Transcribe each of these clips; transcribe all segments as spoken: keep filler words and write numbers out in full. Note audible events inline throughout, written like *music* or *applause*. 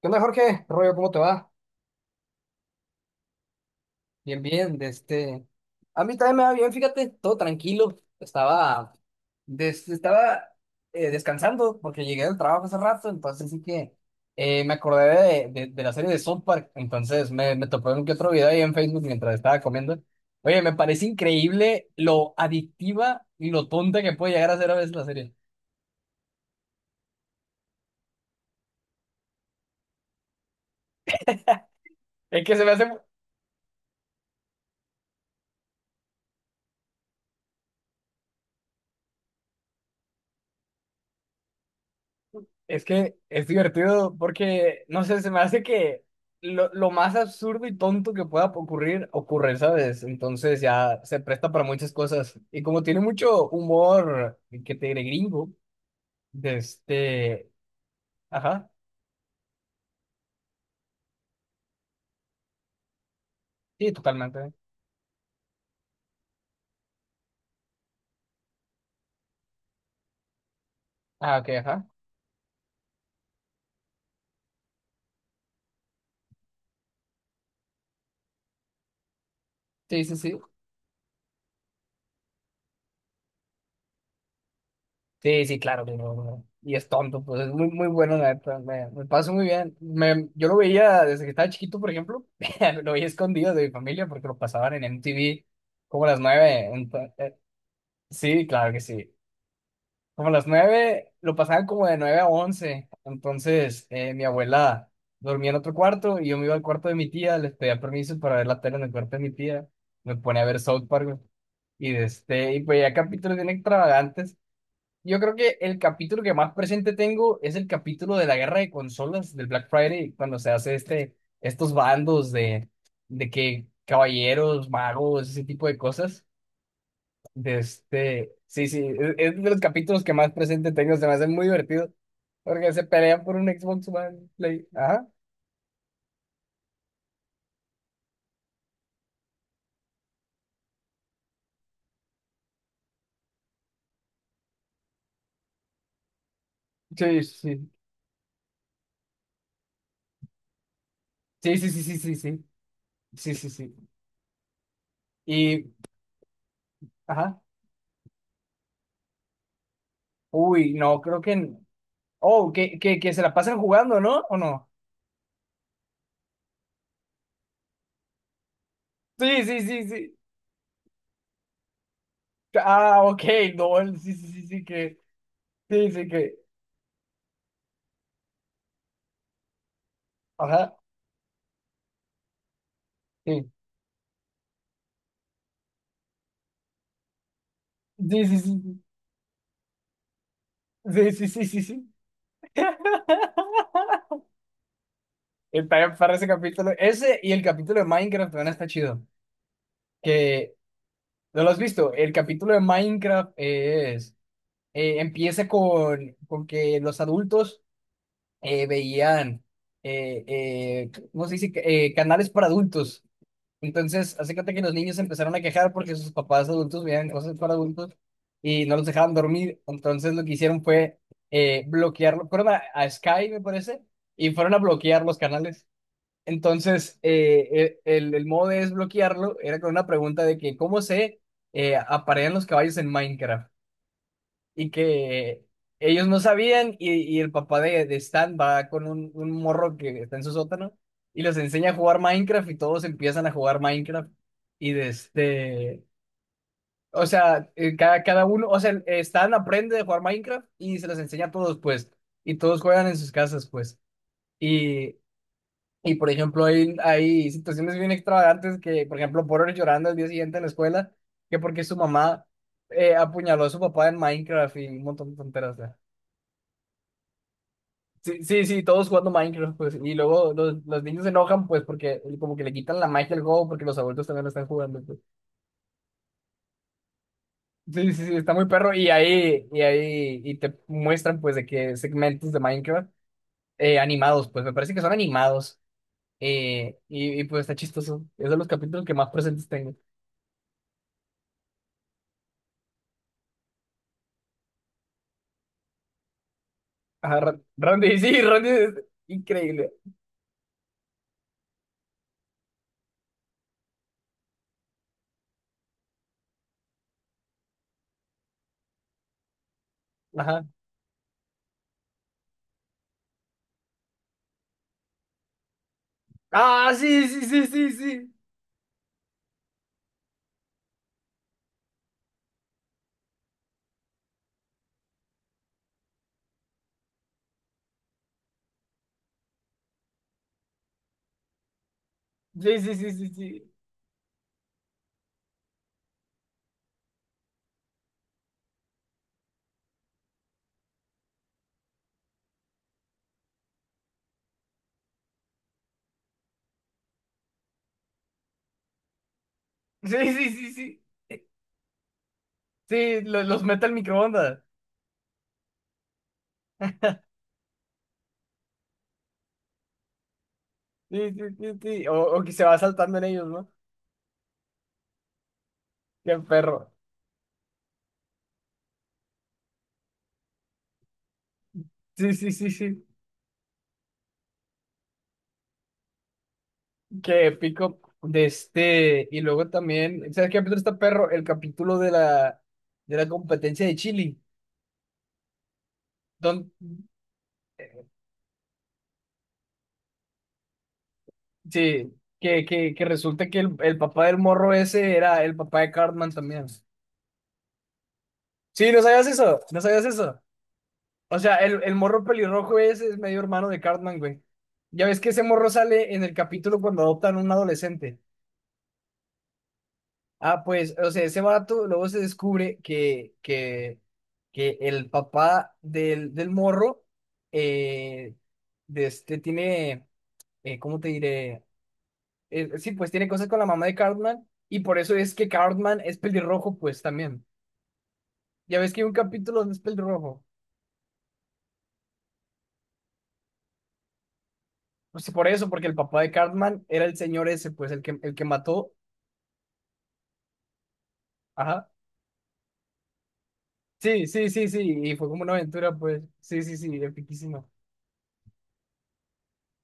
¿Qué onda, Jorge? Rollo, ¿cómo te va? Bien, bien, de este... A mí también me va bien, fíjate, todo tranquilo. Estaba, des- estaba eh, Descansando porque llegué del trabajo hace rato, entonces sí que eh, me acordé de, de- de la serie de South Park. Entonces me, me topé un que otro video ahí en Facebook mientras estaba comiendo. Oye, me parece increíble lo adictiva y lo tonta que puede llegar a ser a veces la serie. Es que se me hace... Es que es divertido porque, no sé, se me hace que lo, lo más absurdo y tonto que pueda ocurrir, ocurre, ¿sabes? Entonces ya se presta para muchas cosas. Y como tiene mucho humor, que te diré gringo, de este, ajá, sí, totalmente. Ah, ok, ajá. Sí, sí, sí. Sí, sí, claro que no, no. Y es tonto, pues es muy, muy bueno, la neta. Me, me paso muy bien. Me, yo lo veía desde que estaba chiquito, por ejemplo. *laughs* Lo veía escondido de mi familia porque lo pasaban en M T V como a las nueve. Ento- eh, sí, claro que sí. Como a las nueve, lo pasaban como de nueve a once. Entonces, eh, mi abuela dormía en otro cuarto y yo me iba al cuarto de mi tía. Les pedía permiso para ver la tele en el cuarto de mi tía. Me ponía a ver South Park, güey. Y, de este, y pues ya capítulos bien extravagantes. Yo creo que el capítulo que más presente tengo es el capítulo de la guerra de consolas del Black Friday, cuando se hace este, estos bandos de, de que caballeros, magos, ese tipo de cosas. De este, sí, sí, es, es de los capítulos que más presente tengo, se me hacen muy divertidos, porque se pelean por un Xbox One Play. Ajá. Sí, sí. Sí, sí, sí, sí, sí, sí. Sí, sí, sí. Y, ajá. Uy, no, creo que... Oh, que, que, que se la pasan jugando, ¿no? ¿O no? Sí, sí, sí, sí. Ah, ok, no, el- sí, sí, sí, sí, que, sí, sí, que, ajá, sí, sí, sí, sí, sí, sí, sí, sí, sí. *laughs* El para, para ese capítulo, ese y el capítulo de Minecraft también está chido, que, ¿no lo has visto? El capítulo de Minecraft es, eh, empieza con, con que los adultos eh, veían, eh, eh, ¿cómo se dice? Eh, canales para adultos. Entonces, hace cuenta que los niños empezaron a quejar porque sus papás adultos veían cosas para adultos y no los dejaban dormir. Entonces, lo que hicieron fue eh, bloquearlo. Fueron a, a Sky, me parece, y fueron a bloquear los canales. Entonces, eh, eh, el, el modo de desbloquearlo era con una pregunta de que cómo se eh, aparean los caballos en Minecraft y que ellos no sabían, y, y el papá de, de Stan va con un, un morro que está en su sótano y los enseña a jugar Minecraft y todos empiezan a jugar Minecraft. y de este, o sea, eh, cada, cada uno, o sea, el- eh, Stan aprende a jugar Minecraft y se los enseña a todos pues, y todos juegan en sus casas pues y... Y por ejemplo, hay, hay situaciones bien extravagantes que, por ejemplo, Porter llorando el día siguiente en la escuela, que porque su mamá eh, apuñaló a su papá en Minecraft y un montón de tonteras, ¿no? Sí, sí, sí, todos jugando Minecraft, pues, y luego los, los niños se enojan, pues, porque como que le quitan la magia al juego, porque los adultos también lo están jugando, pues. Sí, sí, sí, está muy perro, y ahí, y ahí, y te muestran, pues, de que segmentos de Minecraft eh, animados, pues, me parece que son animados, eh, y, y, pues, está chistoso, es de los capítulos que más presentes tengo. Ajá, Ra- Randy, *laughs* sí, Randy es increíble, ajá. Ah, sí, sí, sí, sí, sí, sí, sí, sí, sí, sí, sí, sí, sí, sí, sí, lo- los mete al microondas. Sí, sí, sí, sí. O, o que se va saltando en ellos, ¿no? Qué perro. Sí, sí, sí, sí. Qué épico. De este. Y luego también. ¿Sabes qué capítulo está perro? El capítulo de la, de la competencia de Chile. Don, sí. Que, que, que resulta que el, el papá del morro ese era el papá de Cartman también. Sí, no sabías eso. No sabías eso. O sea, el, el morro pelirrojo ese es medio hermano de Cartman, güey. Ya ves que ese morro sale en el capítulo cuando adoptan a un adolescente. Ah, pues, o sea, ese vato luego se descubre que, que, que el papá del, del morro, eh, de este tiene, eh, ¿cómo te diré? Eh, sí, pues tiene cosas con la mamá de Cartman y por eso es que Cartman es pelirrojo, pues también. Ya ves que hay un capítulo donde es pelirrojo. Pues por eso, porque el papá de Cartman era el señor ese, pues el que, el que mató. Ajá. Sí, sí, sí, sí, y fue como una aventura, pues. Sí, sí, sí, epiquísima.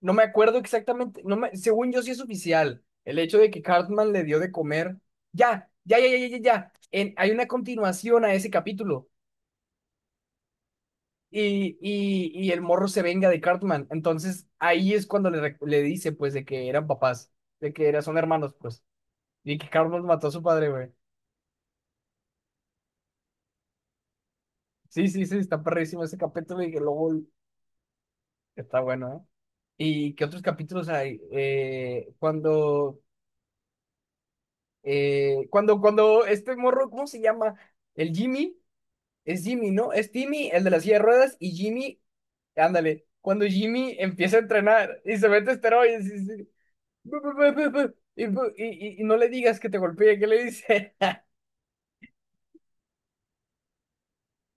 No me acuerdo exactamente, no me, según yo sí es oficial, el hecho de que Cartman le dio de comer. Ya, ya, ya, ya, ya, ya, ya. En- hay una continuación a ese capítulo y, y, y el morro se venga de Cartman. Entonces ahí es cuando le, rec- le dice pues de que eran papás, de que eran, son hermanos pues, y que Cartman mató a su padre, güey. Sí, sí, sí, está perrísimo ese capítulo y que luego está bueno, ¿eh? ¿Y qué otros capítulos hay? Eh, cuando Eh, cuando, cuando este morro, ¿cómo se llama? El Jimmy, es Jimmy, ¿no? Es Timmy, el de la silla de ruedas, y Jimmy, ándale, cuando Jimmy empieza a entrenar y se mete esteroides y, dice, "Bu, bu, bu, bu, bu", y, bu- y- y- y no le digas que te golpee, ¿qué le dice? *laughs*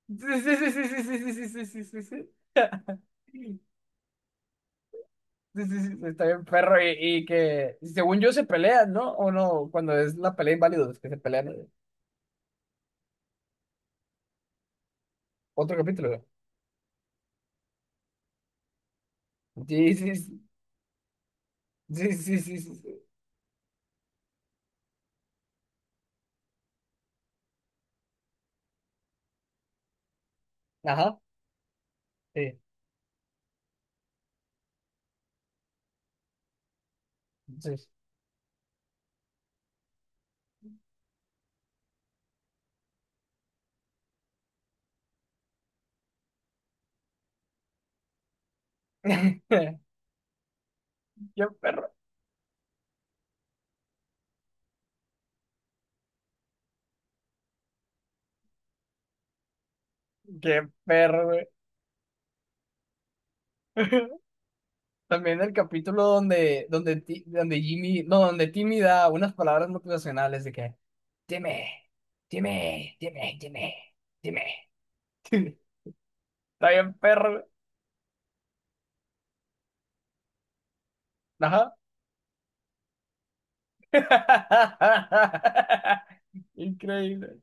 Sí, sí, sí, sí, sí, sí, sí, sí, sí, sí, sí. *laughs* Sí, sí, sí, está bien, perro, y, y que según yo se pelean, ¿no? O no, cuando es la pelea inválidos que se pelean, ¿no? Otro capítulo. Sí, sí, sí, sí, sí, sí, sí, sí. Ajá. Sí, sí. *laughs* Qué perro, qué perro, güey. *laughs* También el capítulo donde, donde, Ti- donde Jimmy, no, donde Timmy da unas palabras motivacionales de que, dime, dime, dime, dime, dime. *laughs* Está bien, perro, güey. Ajá. *laughs* Increíble.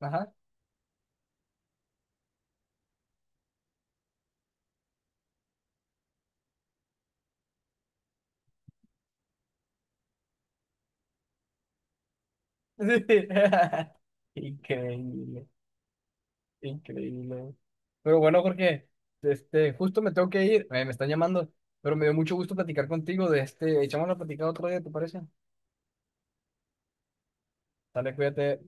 Ajá. *laughs* Sí. Increíble. Increíble. Pero bueno, Jorge, este, justo me tengo que ir, eh, me están llamando, pero me dio mucho gusto platicar contigo. De este, echamos la platicada otro día, ¿te parece? Dale, cuídate.